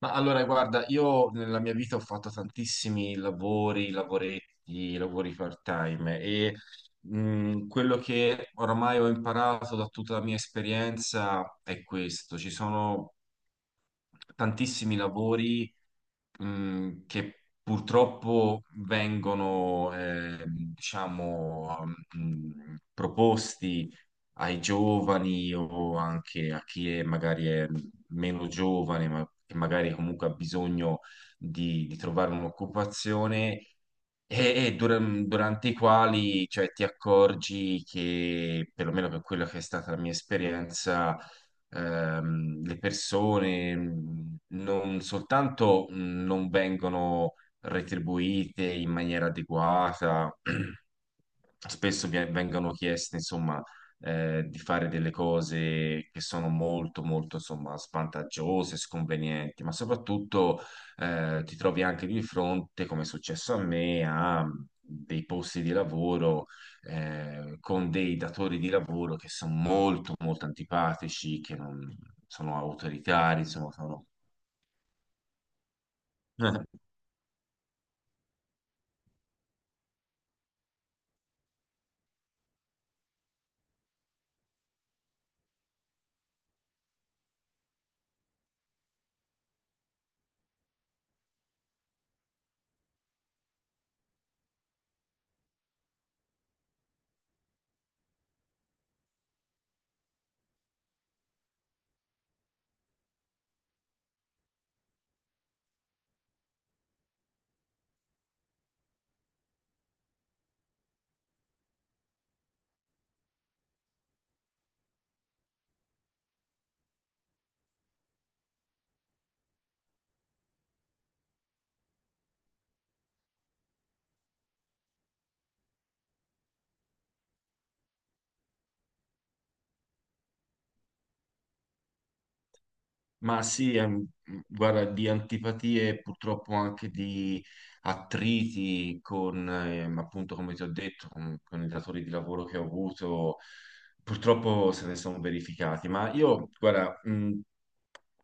Ma allora, guarda, io nella mia vita ho fatto tantissimi lavori, lavoretti, lavori part-time e quello che oramai ho imparato da tutta la mia esperienza è questo. Ci sono tantissimi lavori che purtroppo vengono, diciamo, proposti ai giovani o anche a chi è magari è meno giovane, ma che magari comunque ha bisogno di trovare un'occupazione. E durante i quali, cioè, ti accorgi che, perlomeno per quella che è stata la mia esperienza, le persone non soltanto non vengono retribuite in maniera adeguata, spesso vengono chieste, insomma, di fare delle cose che sono molto, molto, insomma, svantaggiose, sconvenienti, ma soprattutto ti trovi anche di fronte, come è successo a me, a dei posti di lavoro con dei datori di lavoro che sono molto, molto antipatici, che non, sono autoritari, insomma, sono... Ma sì, guarda, di antipatie purtroppo anche di attriti con, appunto, come ti ho detto, con i datori di lavoro che ho avuto, purtroppo se ne sono verificati. Ma io, guarda, mh,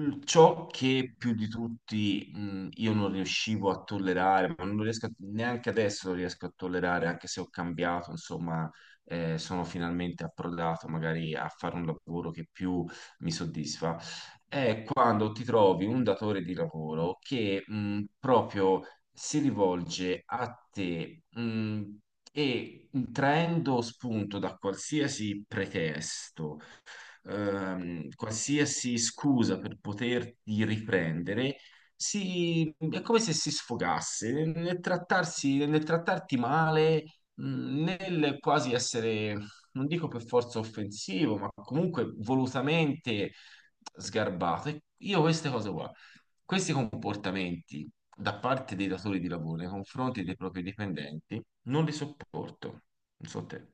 Mm, ciò che più di tutti io non riuscivo a tollerare, ma non riesco neanche adesso lo riesco a tollerare, anche se ho cambiato, insomma, sono finalmente approdato magari a fare un lavoro che più mi soddisfa, è quando ti trovi un datore di lavoro che proprio si rivolge a te e traendo spunto da qualsiasi pretesto qualsiasi scusa per poterti riprendere, è come se si sfogasse nel trattarsi, nel trattarti male, nel quasi essere, non dico per forza offensivo, ma comunque volutamente sgarbato. E io queste cose qua, questi comportamenti da parte dei datori di lavoro nei confronti dei propri dipendenti, non li sopporto. Non so te.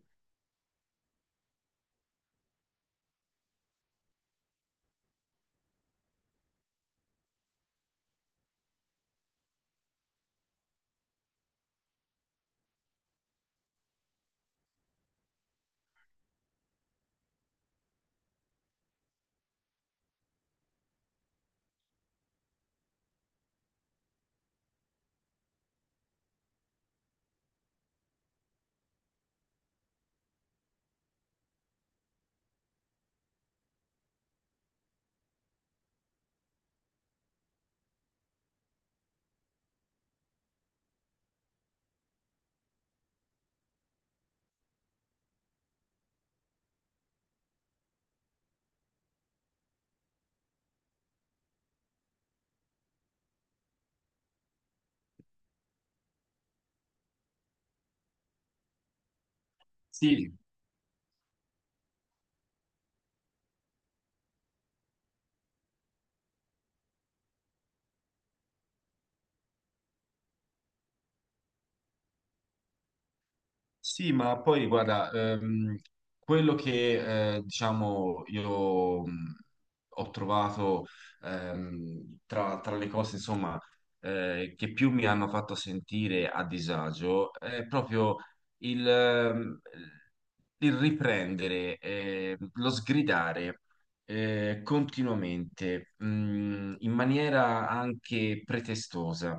Sì, sì, ma poi guarda, quello che diciamo io ho trovato tra, tra le cose insomma che più mi hanno fatto sentire a disagio è proprio il, ehm, il riprendere, lo sgridare continuamente, in maniera anche pretestosa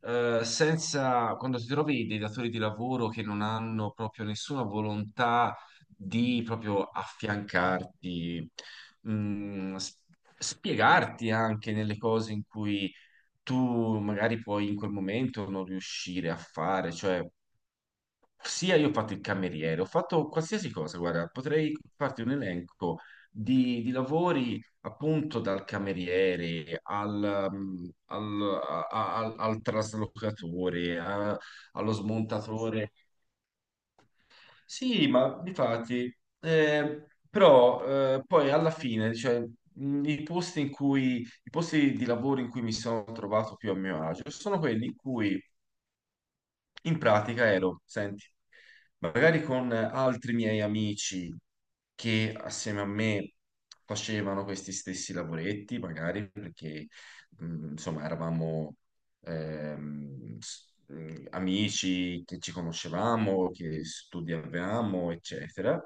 senza, quando ti trovi dei datori di lavoro che non hanno proprio nessuna volontà di proprio affiancarti, mh, s- spiegarti anche nelle cose in cui tu magari puoi in quel momento non riuscire a fare, cioè sia io ho fatto il cameriere, ho fatto qualsiasi cosa, guarda, potrei farti un elenco di lavori appunto dal cameriere al, al, al traslocatore, allo smontatore. Sì, ma difatti, però poi alla fine, cioè, i posti in cui, i posti di lavoro in cui mi sono trovato più a mio agio sono quelli in cui in pratica ero, senti, magari con altri miei amici che assieme a me facevano questi stessi lavoretti, magari perché insomma eravamo amici che ci conoscevamo, che studiavamo, eccetera.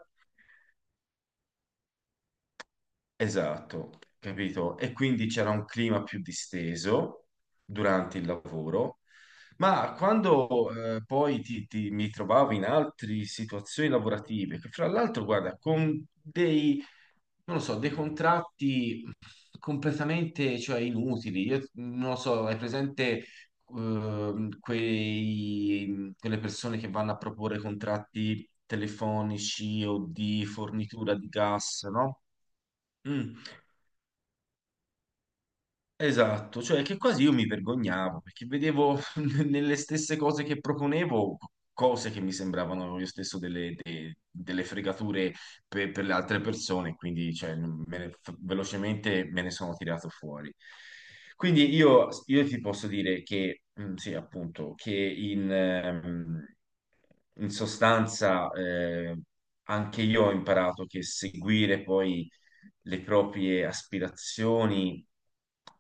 Esatto, capito? E quindi c'era un clima più disteso durante il lavoro, ma quando poi mi trovavo in altre situazioni lavorative, che fra l'altro, guarda, con dei, non lo so, dei contratti completamente, cioè, inutili, io non lo so, hai presente quelle persone che vanno a proporre contratti telefonici o di fornitura di gas, no? Mm. Esatto, cioè che quasi io mi vergognavo perché vedevo nelle stesse cose che proponevo cose che mi sembravano io stesso delle, delle fregature per le altre persone, quindi cioè, velocemente me ne sono tirato fuori. Quindi io ti posso dire che, sì, appunto, che in, in sostanza, anche io ho imparato che seguire poi le proprie aspirazioni,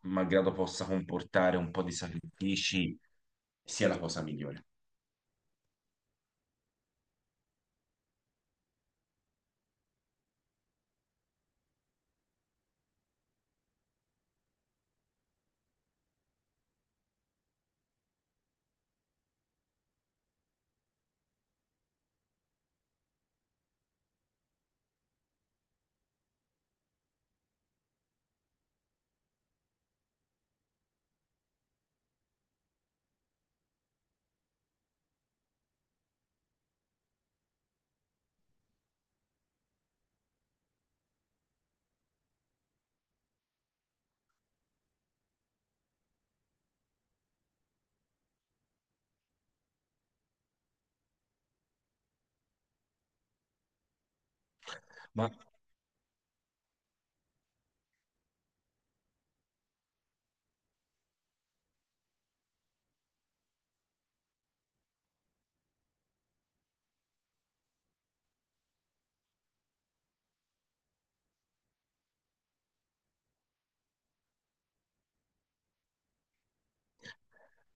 malgrado possa comportare un po' di sacrifici, sia la cosa migliore. Ma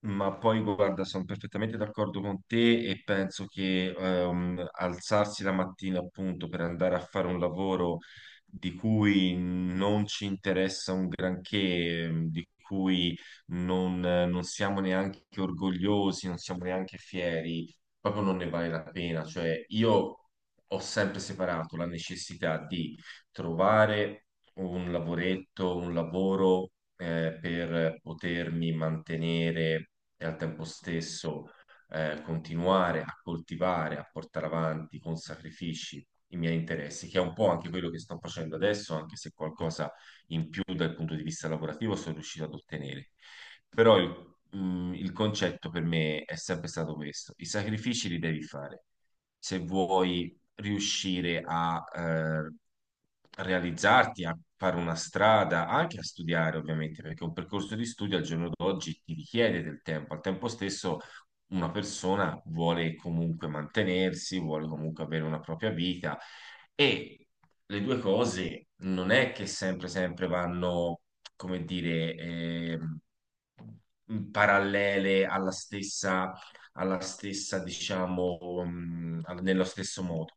Ma poi guarda, sono perfettamente d'accordo con te e penso che alzarsi la mattina appunto per andare a fare un lavoro di cui non ci interessa un granché, di cui non, non siamo neanche orgogliosi, non siamo neanche fieri, proprio non ne vale la pena. Cioè, io ho sempre separato la necessità di trovare un lavoretto, un lavoro per potermi mantenere e al tempo stesso continuare a coltivare, a portare avanti con sacrifici i miei interessi, che è un po' anche quello che sto facendo adesso, anche se qualcosa in più dal punto di vista lavorativo sono riuscito ad ottenere. Però il concetto per me è sempre stato questo, i sacrifici li devi fare se vuoi riuscire a realizzarti, a fare una strada, anche a studiare, ovviamente, perché un percorso di studio al giorno d'oggi ti richiede del tempo. Al tempo stesso, una persona vuole comunque mantenersi, vuole comunque avere una propria vita e le due cose non è che sempre, sempre vanno, come dire, parallele alla stessa diciamo, nello stesso modo.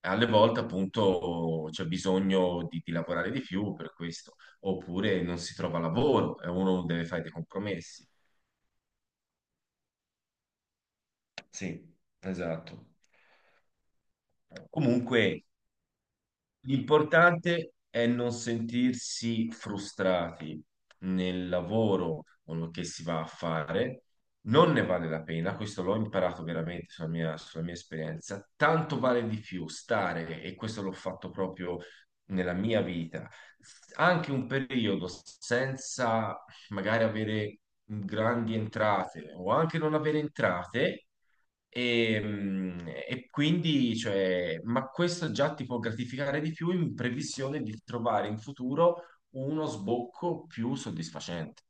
Alle volte, appunto, c'è bisogno di lavorare di più per questo, oppure non si trova lavoro e uno deve fare dei compromessi. Sì, esatto. Comunque, l'importante è non sentirsi frustrati nel lavoro o che si va a fare, non ne vale la pena, questo l'ho imparato veramente sulla mia esperienza, tanto vale di più stare, e questo l'ho fatto proprio nella mia vita, anche un periodo senza magari avere grandi entrate o anche non avere entrate e quindi, cioè, ma questo già ti può gratificare di più in previsione di trovare in futuro uno sbocco più soddisfacente.